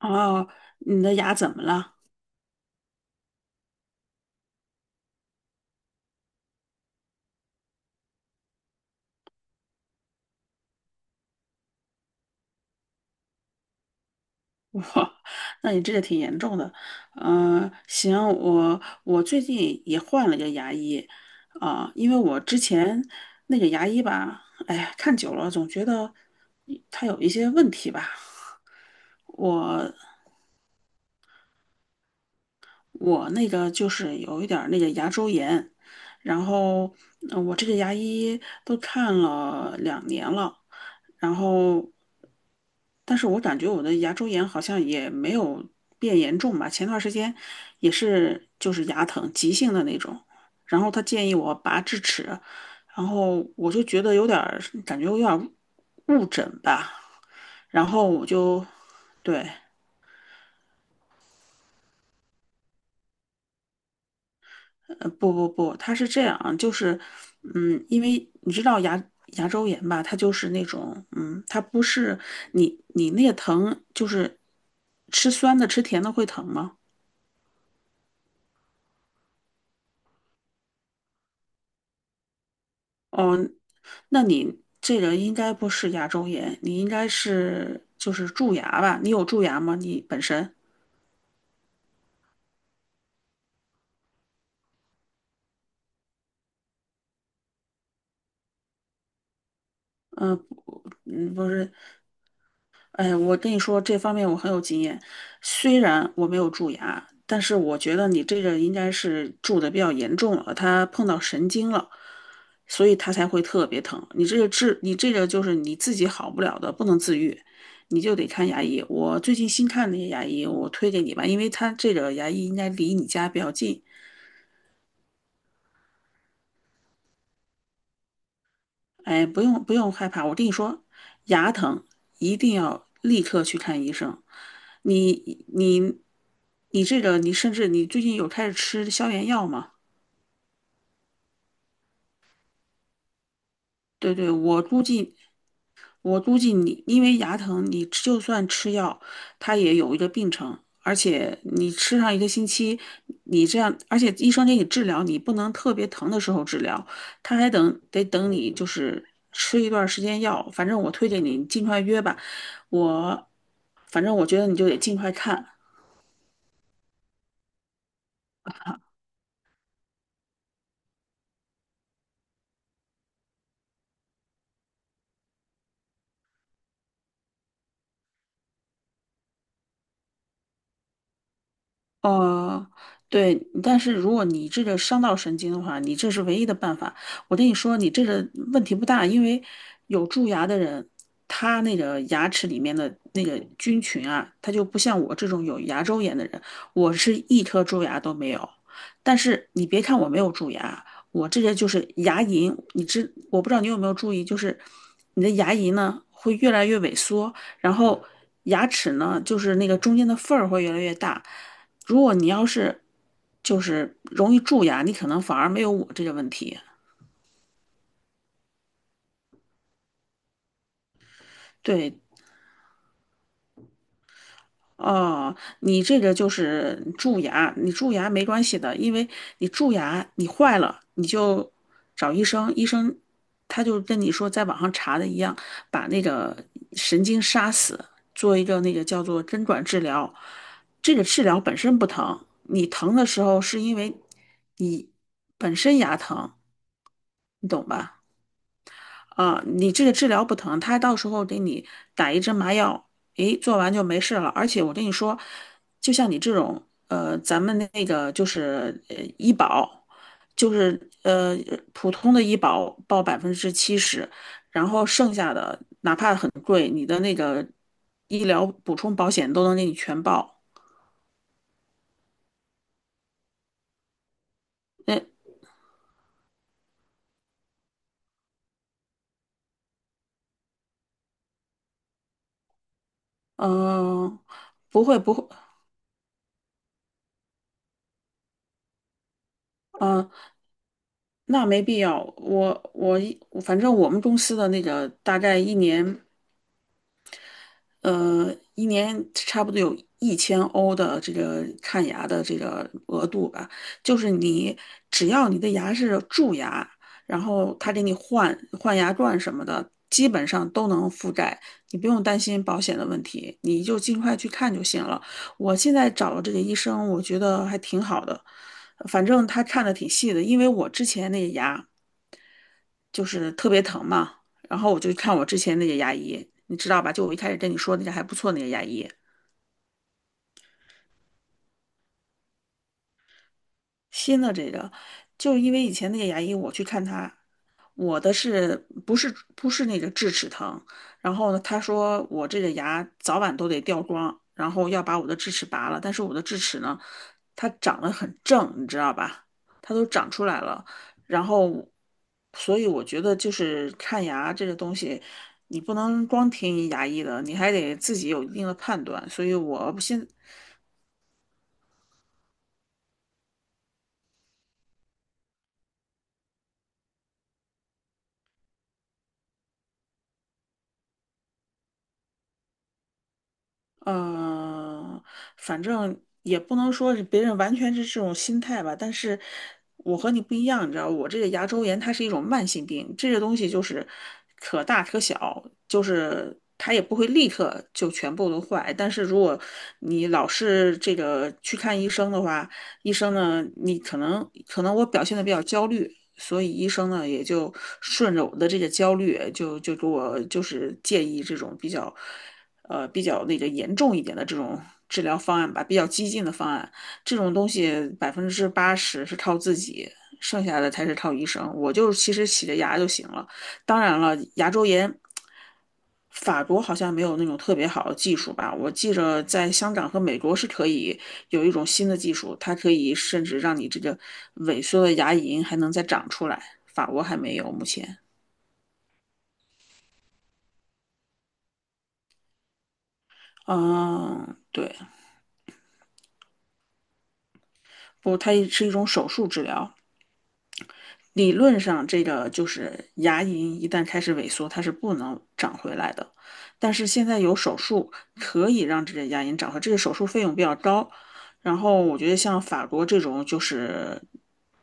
哦，你的牙怎么了？我，那你这个挺严重的。嗯、行，我最近也换了个牙医，因为我之前那个牙医吧，哎呀，看久了总觉得他有一些问题吧。我我那个就是有一点儿那个牙周炎，然后我这个牙医都看了2年了，然后但是我感觉我的牙周炎好像也没有变严重吧。前段时间也是就是牙疼，急性的那种，然后他建议我拔智齿，然后我就觉得有点儿误诊吧，然后我就对。不不不，它是这样啊，就是，嗯，因为你知道牙周炎吧，它就是那种，它不是你那个疼，就是吃酸的吃甜的会疼吗？哦，那你这个应该不是牙周炎，你应该是就是蛀牙吧？你有蛀牙吗？你本身？嗯嗯，不是，哎，我跟你说，这方面我很有经验。虽然我没有蛀牙，但是我觉得你这个应该是蛀的比较严重了，它碰到神经了，所以它才会特别疼。你这个治，你这个就是你自己好不了的，不能自愈，你就得看牙医。我最近新看那些牙医，我推给你吧，因为他这个牙医应该离你家比较近，哎，不用不用害怕，我跟你说，牙疼一定要立刻去看医生。你你你这个，你甚至你最近有开始吃消炎药吗？对对，我估计你因为牙疼，你吃就算吃药，它也有一个病程，而且你吃上一个星期，你这样，而且医生给你治疗，你不能特别疼的时候治疗，他还等得等你就是吃一段时间药。反正我推荐你尽快约吧，我反正我觉得你就得尽快看。哦，对，但是如果你这个伤到神经的话，你这是唯一的办法。我跟你说，你这个问题不大，因为有蛀牙的人，他那个牙齿里面的那个菌群啊，他就不像我这种有牙周炎的人，我是一颗蛀牙都没有。但是你别看我没有蛀牙，我这个就是牙龈，你知，我不知道你有没有注意，就是你的牙龈呢会越来越萎缩，然后牙齿呢就是那个中间的缝儿会越来越大。如果你要是就是容易蛀牙，你可能反而没有我这个问题。对，哦，你这个就是蛀牙，你蛀牙没关系的，因为你蛀牙你坏了，你就找医生，医生他就跟你说在网上查的一样，把那个神经杀死，做一个那个叫做根管治疗。这个治疗本身不疼，你疼的时候是因为你本身牙疼，你懂吧？啊，你这个治疗不疼，他到时候给你打一针麻药，诶，做完就没事了。而且我跟你说，就像你这种，咱们那个就是医保，就是普通的医保报70%，然后剩下的哪怕很贵，你的那个医疗补充保险都能给你全报。那嗯、呃不会不会，嗯、那没必要。我我一反正我们公司的那个大概一年。一年差不多有1000欧的这个看牙的这个额度吧，就是你只要你的牙是蛀牙，然后他给你换换牙冠什么的，基本上都能覆盖，你不用担心保险的问题，你就尽快去看就行了。我现在找了这个医生，我觉得还挺好的，反正他看的挺细的，因为我之前那个牙。就是特别疼嘛。然后我就看我之前那些牙医，你知道吧？就我一开始跟你说那家还不错那个牙医，新的这个，就是因为以前那个牙医我去看他，我的是不是那个智齿疼？然后呢，他说我这个牙早晚都得掉光，然后要把我的智齿拔了。但是我的智齿呢，它长得很正，你知道吧？它都长出来了。然后，所以我觉得就是看牙这个东西，你不能光听牙医的，你还得自己有一定的判断。所以我现嗯，反正也不能说是别人完全是这种心态吧，但是我和你不一样，你知道，我这个牙周炎它是一种慢性病，这个东西就是可大可小，就是它也不会立刻就全部都坏，但是如果你老是这个去看医生的话，医生呢，你可能可能我表现的比较焦虑。所以医生呢，也就顺着我的这个焦虑，就给我就是建议这种比较比较那个严重一点的这种治疗方案吧，比较激进的方案，这种东西80%是靠自己，剩下的才是靠医生。我就其实洗着牙就行了。当然了，牙周炎，法国好像没有那种特别好的技术吧？我记着在香港和美国是可以有一种新的技术，它可以甚至让你这个萎缩的牙龈还能再长出来。法国还没有，目前。嗯，对，不过它是一种手术治疗。理论上，这个就是牙龈一旦开始萎缩，它是不能长回来的。但是现在有手术可以让这个牙龈长回来，这个手术费用比较高。然后我觉得像法国这种就是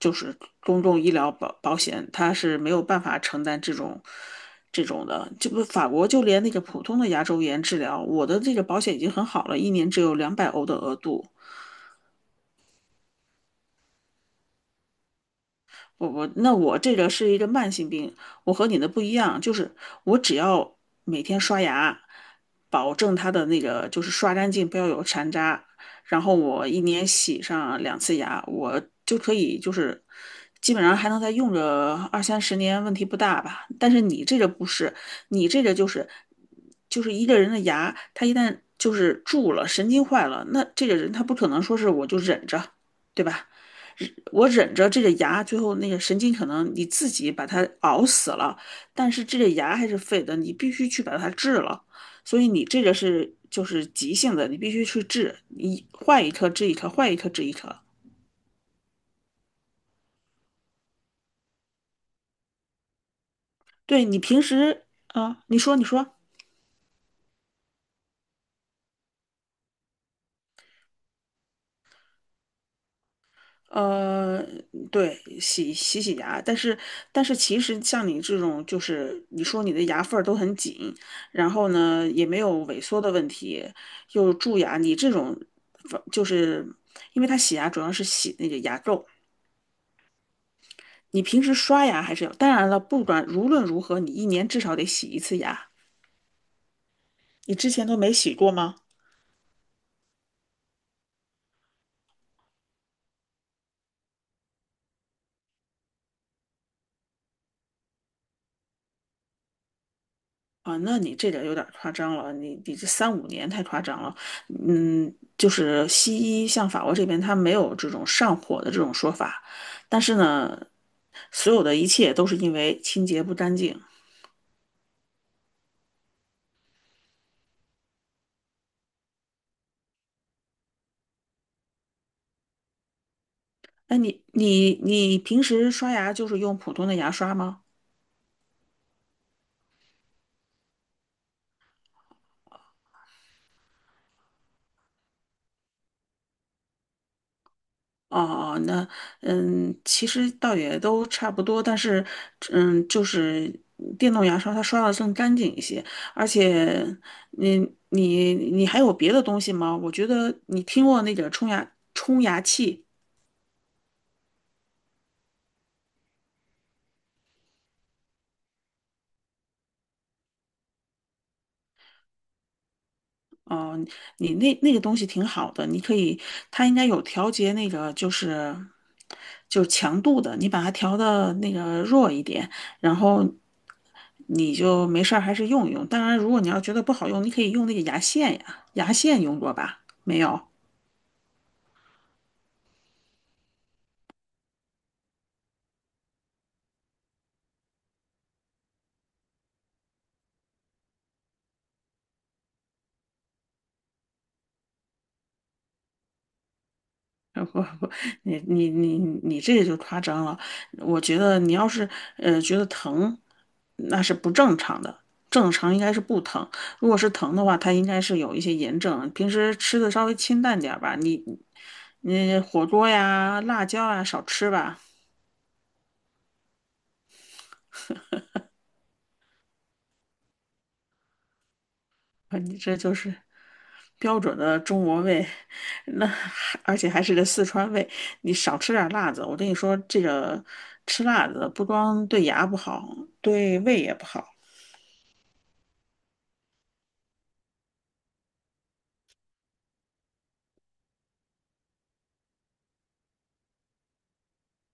就是公共医疗保险，它是没有办法承担这种的。这不法国就连那个普通的牙周炎治疗，我的这个保险已经很好了，一年只有200欧的额度。我这个是一个慢性病，我和你的不一样，就是我只要每天刷牙，保证它的那个就是刷干净，不要有残渣，然后我一年洗上2次牙，我就可以就是基本上还能再用个二三十年，问题不大吧。但是你这个不是，你这个就是一个人的牙，他一旦就是蛀了，神经坏了，那这个人他不可能说是我就忍着，对吧？我忍着这个牙，最后那个神经可能你自己把它熬死了，但是这个牙还是废的，你必须去把它治了。所以你这个是就是急性的，你必须去治，你换一颗治一颗，换一颗治一颗。对你平时啊，你说你说。呃，对，洗洗牙，但是其实像你这种，就是你说你的牙缝儿都很紧，然后呢也没有萎缩的问题，又蛀牙，你这种就是因为它洗牙主要是洗那个牙垢，你平时刷牙还是要，当然了，不管无论如何，你一年至少得洗一次牙，你之前都没洗过吗？啊，那你这点有点夸张了，你这三五年太夸张了。嗯，就是西医像法国这边，它没有这种上火的这种说法，但是呢，所有的一切都是因为清洁不干净。哎，你平时刷牙就是用普通的牙刷吗？哦哦，那其实倒也都差不多，但是就是电动牙刷它刷的更干净一些，而且你你还有别的东西吗？我觉得你听过那个冲牙器。你那个东西挺好的，你可以，它应该有调节那个就是强度的，你把它调的那个弱一点，然后你就没事儿还是用一用。当然，如果你要觉得不好用，你可以用那个牙线呀，牙线用过吧？没有。不不，你你你你这个就夸张了。我觉得你要是觉得疼，那是不正常的。正常应该是不疼，如果是疼的话，它应该是有一些炎症。平时吃的稍微清淡点儿吧，你火锅呀、辣椒啊少吃吧。啊你这就是标准的中国胃，那还而且还是个四川胃。你少吃点辣子，我跟你说，这个吃辣子不光对牙不好，对胃也不好。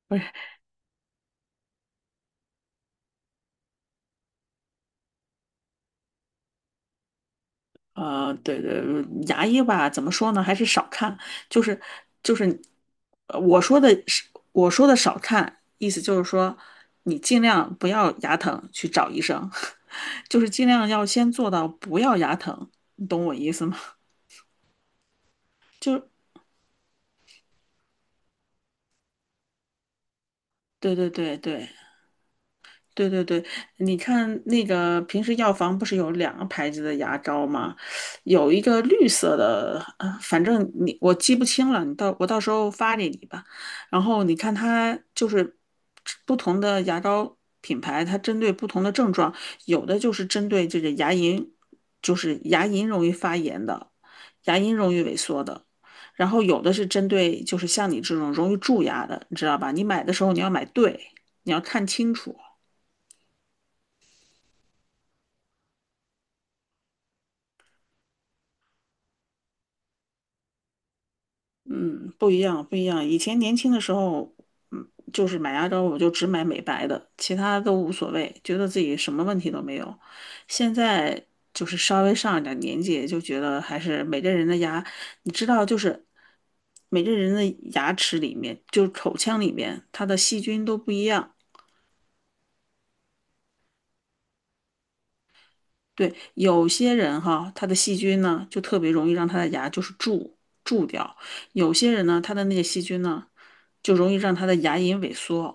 不是，对对，牙医吧，怎么说呢？还是少看，就是就是，呃我说的是我说的少看，意思就是说，你尽量不要牙疼去找医生，就是尽量要先做到不要牙疼，你懂我意思吗？就对对对对，对对对，你看那个平时药房不是有2个牌子的牙膏吗？有一个绿色的，反正我记不清了，我到时候发给你吧。然后你看它就是不同的牙膏品牌，它针对不同的症状，有的就是针对这个牙龈，就是牙龈容易发炎的，牙龈容易萎缩的。然后有的是针对就是像你这种容易蛀牙的，你知道吧？你买的时候你要买对，你要看清楚。嗯，不一样，不一样。以前年轻的时候，就是买牙膏我就只买美白的，其他都无所谓，觉得自己什么问题都没有。现在就是稍微上一点年纪，就觉得还是每个人的牙，你知道，就是每个人的牙齿里面，就是口腔里面，它的细菌都不一样。对，有些人哈，他的细菌呢，就特别容易让他的牙就是蛀掉；有些人呢，他的那个细菌呢，就容易让他的牙龈萎缩。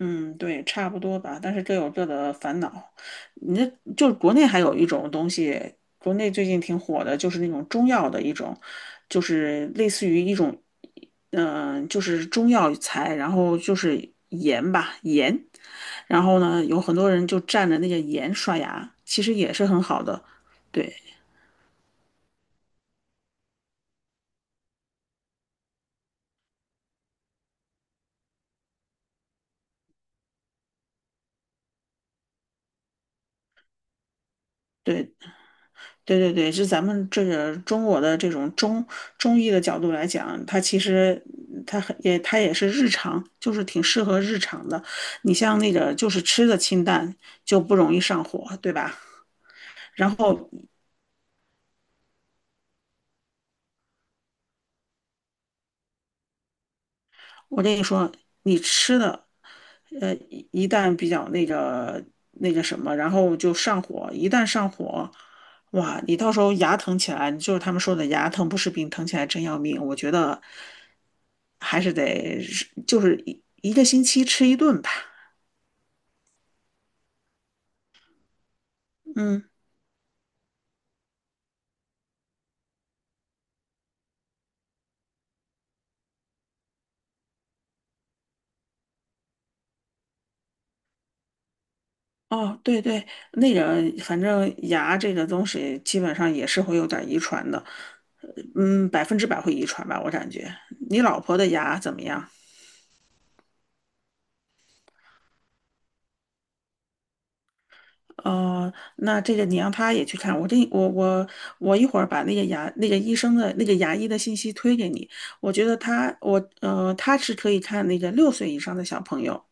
嗯，对，差不多吧。但是各有各的烦恼。你这就是国内还有一种东西，国内最近挺火的，就是那种中药的一种，就是类似于一种，就是中药材，然后就是盐吧，盐。然后呢，有很多人就蘸着那个盐刷牙，其实也是很好的。对。对对对对，就咱们这个中国的这种中医的角度来讲，它其实它也是日常，就是挺适合日常的。你像那个就是吃的清淡，就不容易上火，对吧？然后我跟你说，你吃的一旦比较那个什么，然后就上火，一旦上火，哇，你到时候牙疼起来，就是他们说的牙疼不是病，疼起来真要命。我觉得还是得就是一个星期吃一顿吧。嗯，哦，对对，那个反正牙这个东西基本上也是会有点遗传的，呃100%会遗传吧，我感觉。你老婆的牙怎么样？哦，那这个你让他也去看。我这我我我一会儿把那个牙那个医生的那个牙医的信息推给你。我觉得他是可以看那个6岁以上的小朋友。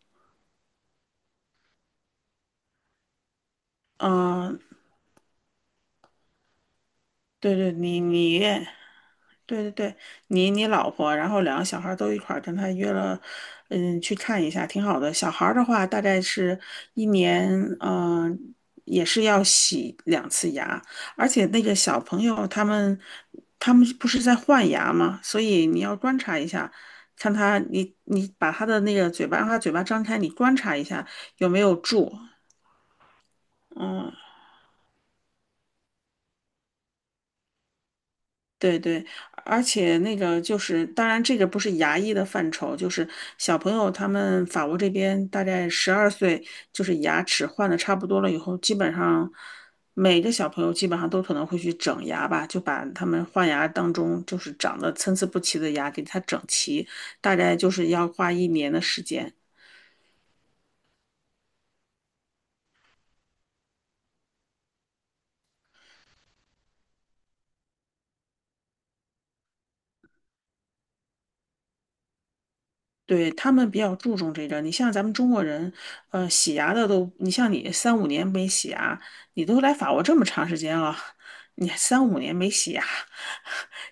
嗯、对对，对对对，你老婆，然后2个小孩儿都一块儿跟他约了，嗯，去看一下，挺好的。小孩儿的话，大概是一年，嗯、也是要洗2次牙，而且那个小朋友他们不是在换牙吗？所以你要观察一下，看他，你把他的那个嘴巴，让他嘴巴张开，你观察一下有没有蛀，嗯。对对，而且那个就是，当然这个不是牙医的范畴，就是小朋友他们法国这边大概12岁，就是牙齿换的差不多了以后，基本上每个小朋友基本上都可能会去整牙吧，就把他们换牙当中就是长得参差不齐的牙给它整齐，大概就是要花一年的时间。对，他们比较注重这个。你像咱们中国人，洗牙的都，你像你三五年没洗牙，你都来法国这么长时间了，你三五年没洗牙，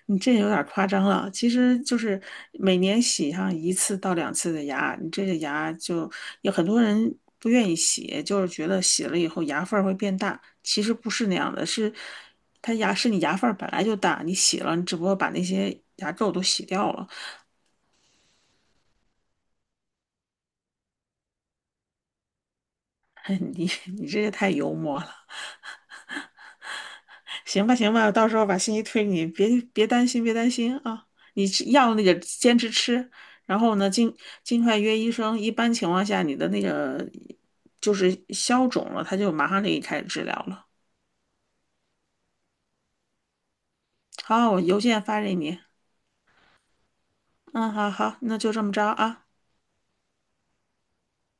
你这有点儿夸张了。其实就是每年洗上1到2次的牙，你这个牙就有很多人不愿意洗，就是觉得洗了以后牙缝儿会变大。其实不是那样的，是它牙是你牙缝儿本来就大，你洗了，你只不过把那些牙垢都洗掉了。你你这也太幽默了。行吧，行吧，到时候把信息推给你，别担心，别担心啊！你吃药那个坚持吃，然后呢，尽快约医生。一般情况下，你的那个就是消肿了，他就马上给你开始治疗了。好，我邮件发给你。嗯，好好，那就这么着啊。